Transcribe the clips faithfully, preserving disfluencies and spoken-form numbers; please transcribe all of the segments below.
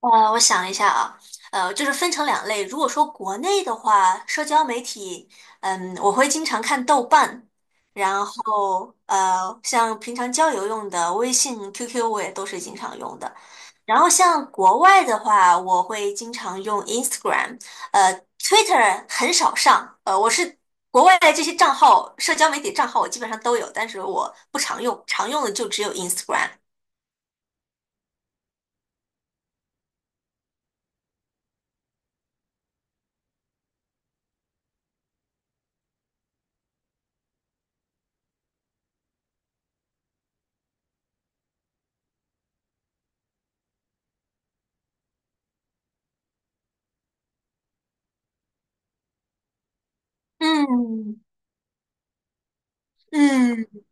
呃，我想一下啊，呃，就是分成两类。如果说国内的话，社交媒体，嗯，我会经常看豆瓣，然后呃，像平常交友用的微信、Q Q 我也都是经常用的。然后像国外的话，我会经常用 Instagram，呃，Twitter 很少上，呃，我是国外的这些账号，社交媒体账号我基本上都有，但是我不常用，常用的就只有 Instagram。嗯嗯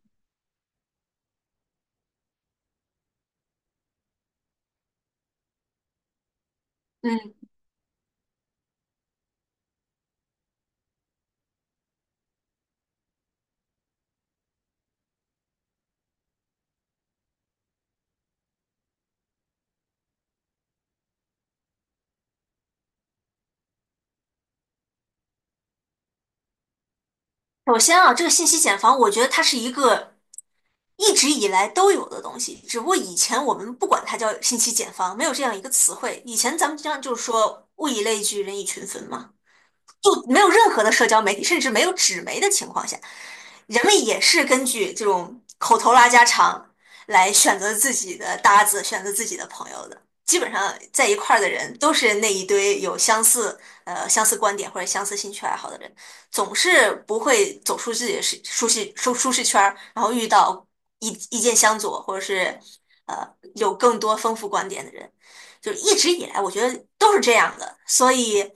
嗯。首先啊，这个信息茧房，我觉得它是一个一直以来都有的东西，只不过以前我们不管它叫信息茧房，没有这样一个词汇。以前咱们经常就是说物以类聚，人以群分嘛。就没有任何的社交媒体，甚至没有纸媒的情况下，人们也是根据这种口头拉家常来选择自己的搭子，选择自己的朋友的。基本上在一块儿的人都是那一堆有相似呃相似观点或者相似兴趣爱好的人，总是不会走出自己的舒舒适舒舒适圈儿，然后遇到意意见相左或者是呃有更多丰富观点的人，就是一直以来我觉得都是这样的，所以。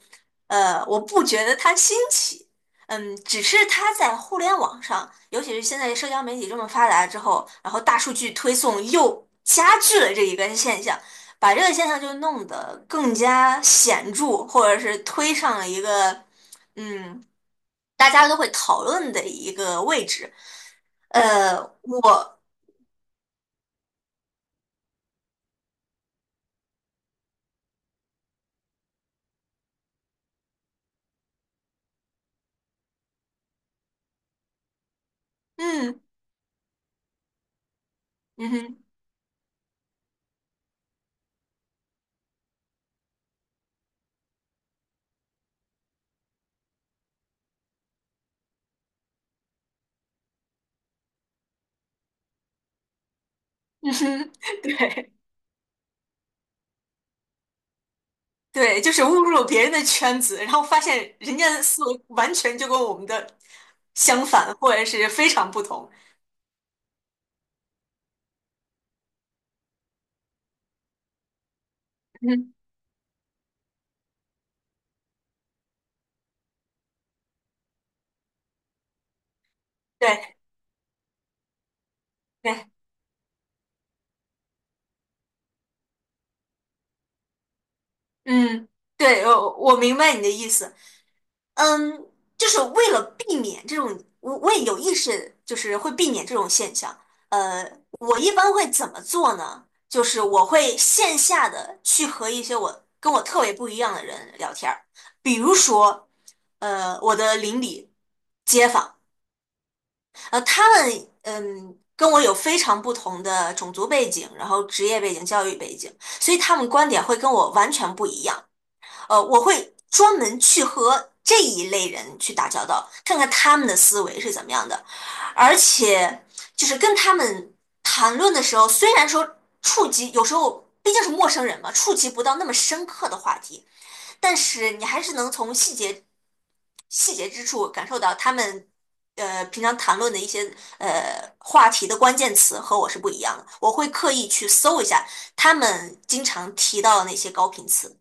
呃，我不觉得它新奇，嗯，只是它在互联网上，尤其是现在社交媒体这么发达之后，然后大数据推送又加剧了这一个现象，把这个现象就弄得更加显著，或者是推上了一个，嗯，大家都会讨论的一个位置。呃，我，嗯，嗯哼，嗯哼，对。对，就是误入别人的圈子，然后发现人家的思维完全就跟我们的相反，或者是非常不同。嗯，对对，嗯，对，我我明白你的意思。嗯，就是为了避免这种，我我也有意识，就是会避免这种现象。呃，我一般会怎么做呢？就是我会线下的去和一些我跟我特别不一样的人聊天儿，比如说，呃，我的邻里、街坊。呃，他们嗯跟我有非常不同的种族背景，然后职业背景、教育背景，所以他们观点会跟我完全不一样。呃，我会专门去和这一类人去打交道，看看他们的思维是怎么样的，而且就是跟他们谈论的时候，虽然说触及有时候毕竟是陌生人嘛，触及不到那么深刻的话题，但是你还是能从细节细节之处感受到他们呃平常谈论的一些呃话题的关键词和我是不一样的。我会刻意去搜一下他们经常提到的那些高频词。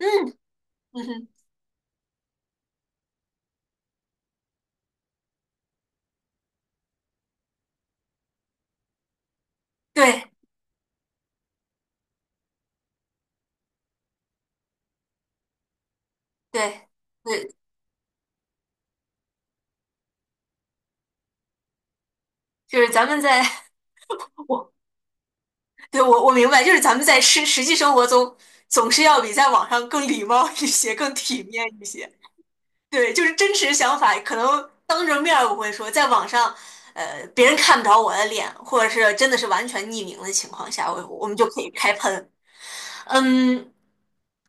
嗯嗯哼，对对对，就是咱们在 我对，我我明白，就是咱们在实实际生活中总是要比在网上更礼貌一些，更体面一些。对，就是真实想法，可能当着面儿我会说，在网上，呃，别人看不着我的脸，或者是真的是完全匿名的情况下，我我们就可以开喷。嗯，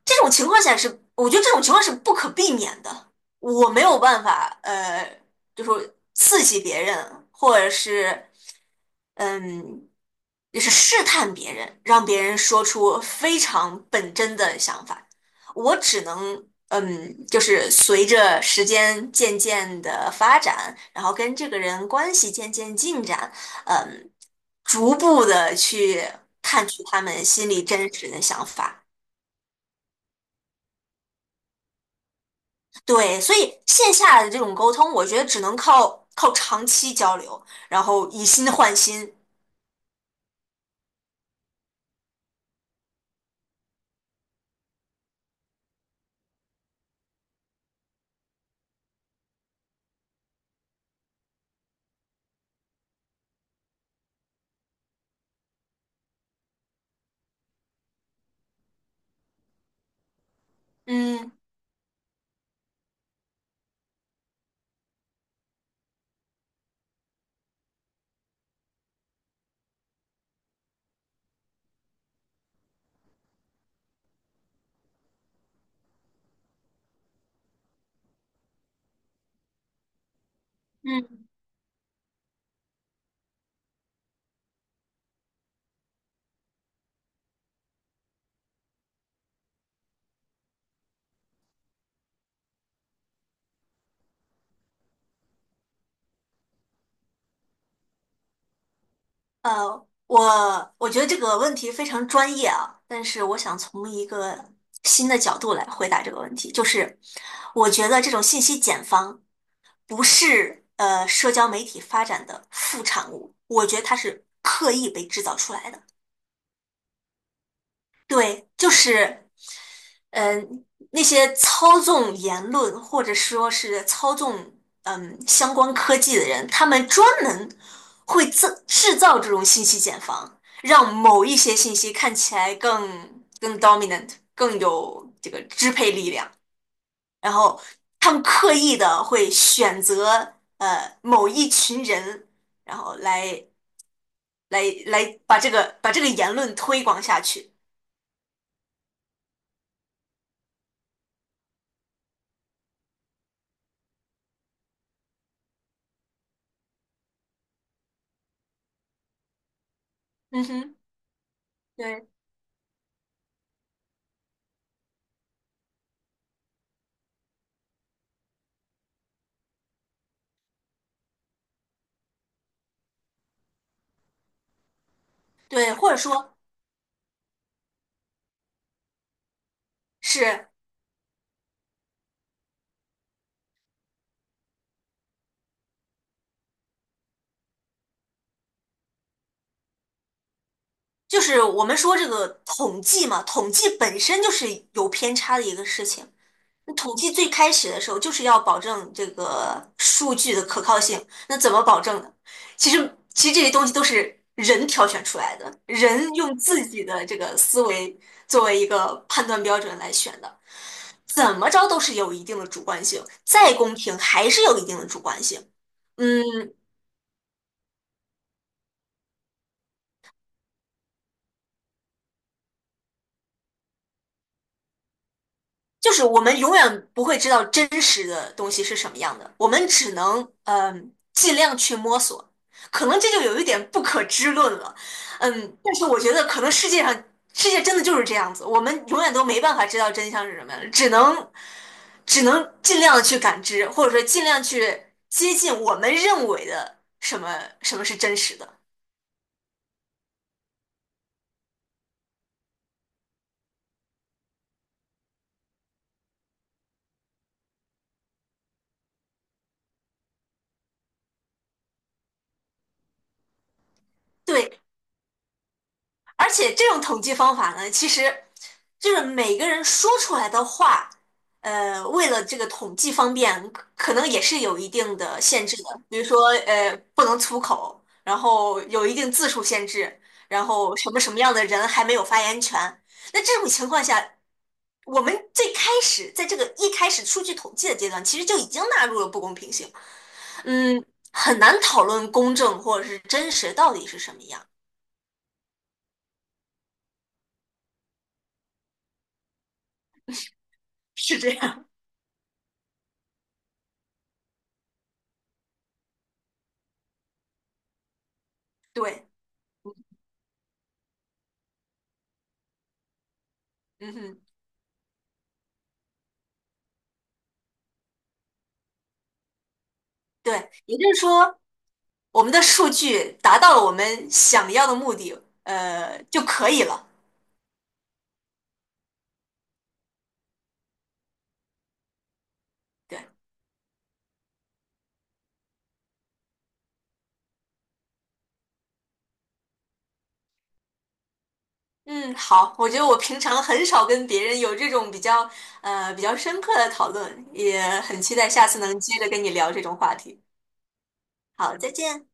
这种情况下是，我觉得这种情况是不可避免的，我没有办法，呃，就说刺激别人，或者是。嗯，就是试探别人，让别人说出非常本真的想法。我只能，嗯，就是随着时间渐渐的发展，然后跟这个人关系渐渐进展，嗯，逐步的去探取他们心里真实的想法。对，所以线下的这种沟通，我觉得只能靠靠长期交流，然后以心换心。嗯嗯。呃，我我觉得这个问题非常专业啊，但是我想从一个新的角度来回答这个问题，就是我觉得这种信息茧房不是呃社交媒体发展的副产物，我觉得它是刻意被制造出来的。对，就是，嗯、那些操纵言论或者说是操纵嗯相关科技的人，他们专门会制制造这种信息茧房，让某一些信息看起来更更 dominant，更有这个支配力量，然后他们刻意的会选择呃某一群人，然后来来来把这个把这个言论推广下去。嗯哼。对。对，或者说是就是我们说这个统计嘛，统计本身就是有偏差的一个事情。那统计最开始的时候就是要保证这个数据的可靠性，那怎么保证呢？其实其实这些东西都是人挑选出来的，人用自己的这个思维作为一个判断标准来选的，怎么着都是有一定的主观性，再公平还是有一定的主观性。嗯，就是我们永远不会知道真实的东西是什么样的，我们只能嗯、尽量去摸索，可能这就有一点不可知论了，嗯，但是我觉得可能世界上世界真的就是这样子，我们永远都没办法知道真相是什么样的，只能只能尽量的去感知，或者说尽量去接近我们认为的什么什么是真实的。对，而且这种统计方法呢，其实就是每个人说出来的话，呃，为了这个统计方便，可能也是有一定的限制的。比如说，呃，不能粗口，然后有一定字数限制，然后什么什么样的人还没有发言权。那这种情况下，我们最开始在这个一开始数据统计的阶段，其实就已经纳入了不公平性。嗯，很难讨论公正或者是真实到底是什么样，是这样。对，嗯哼。对，也就是说，我们的数据达到了我们想要的目的，呃，就可以了。对，嗯，好，我觉得我平常很少跟别人有这种比较，呃，比较深刻的讨论，也很期待下次能接着跟你聊这种话题。好，再见。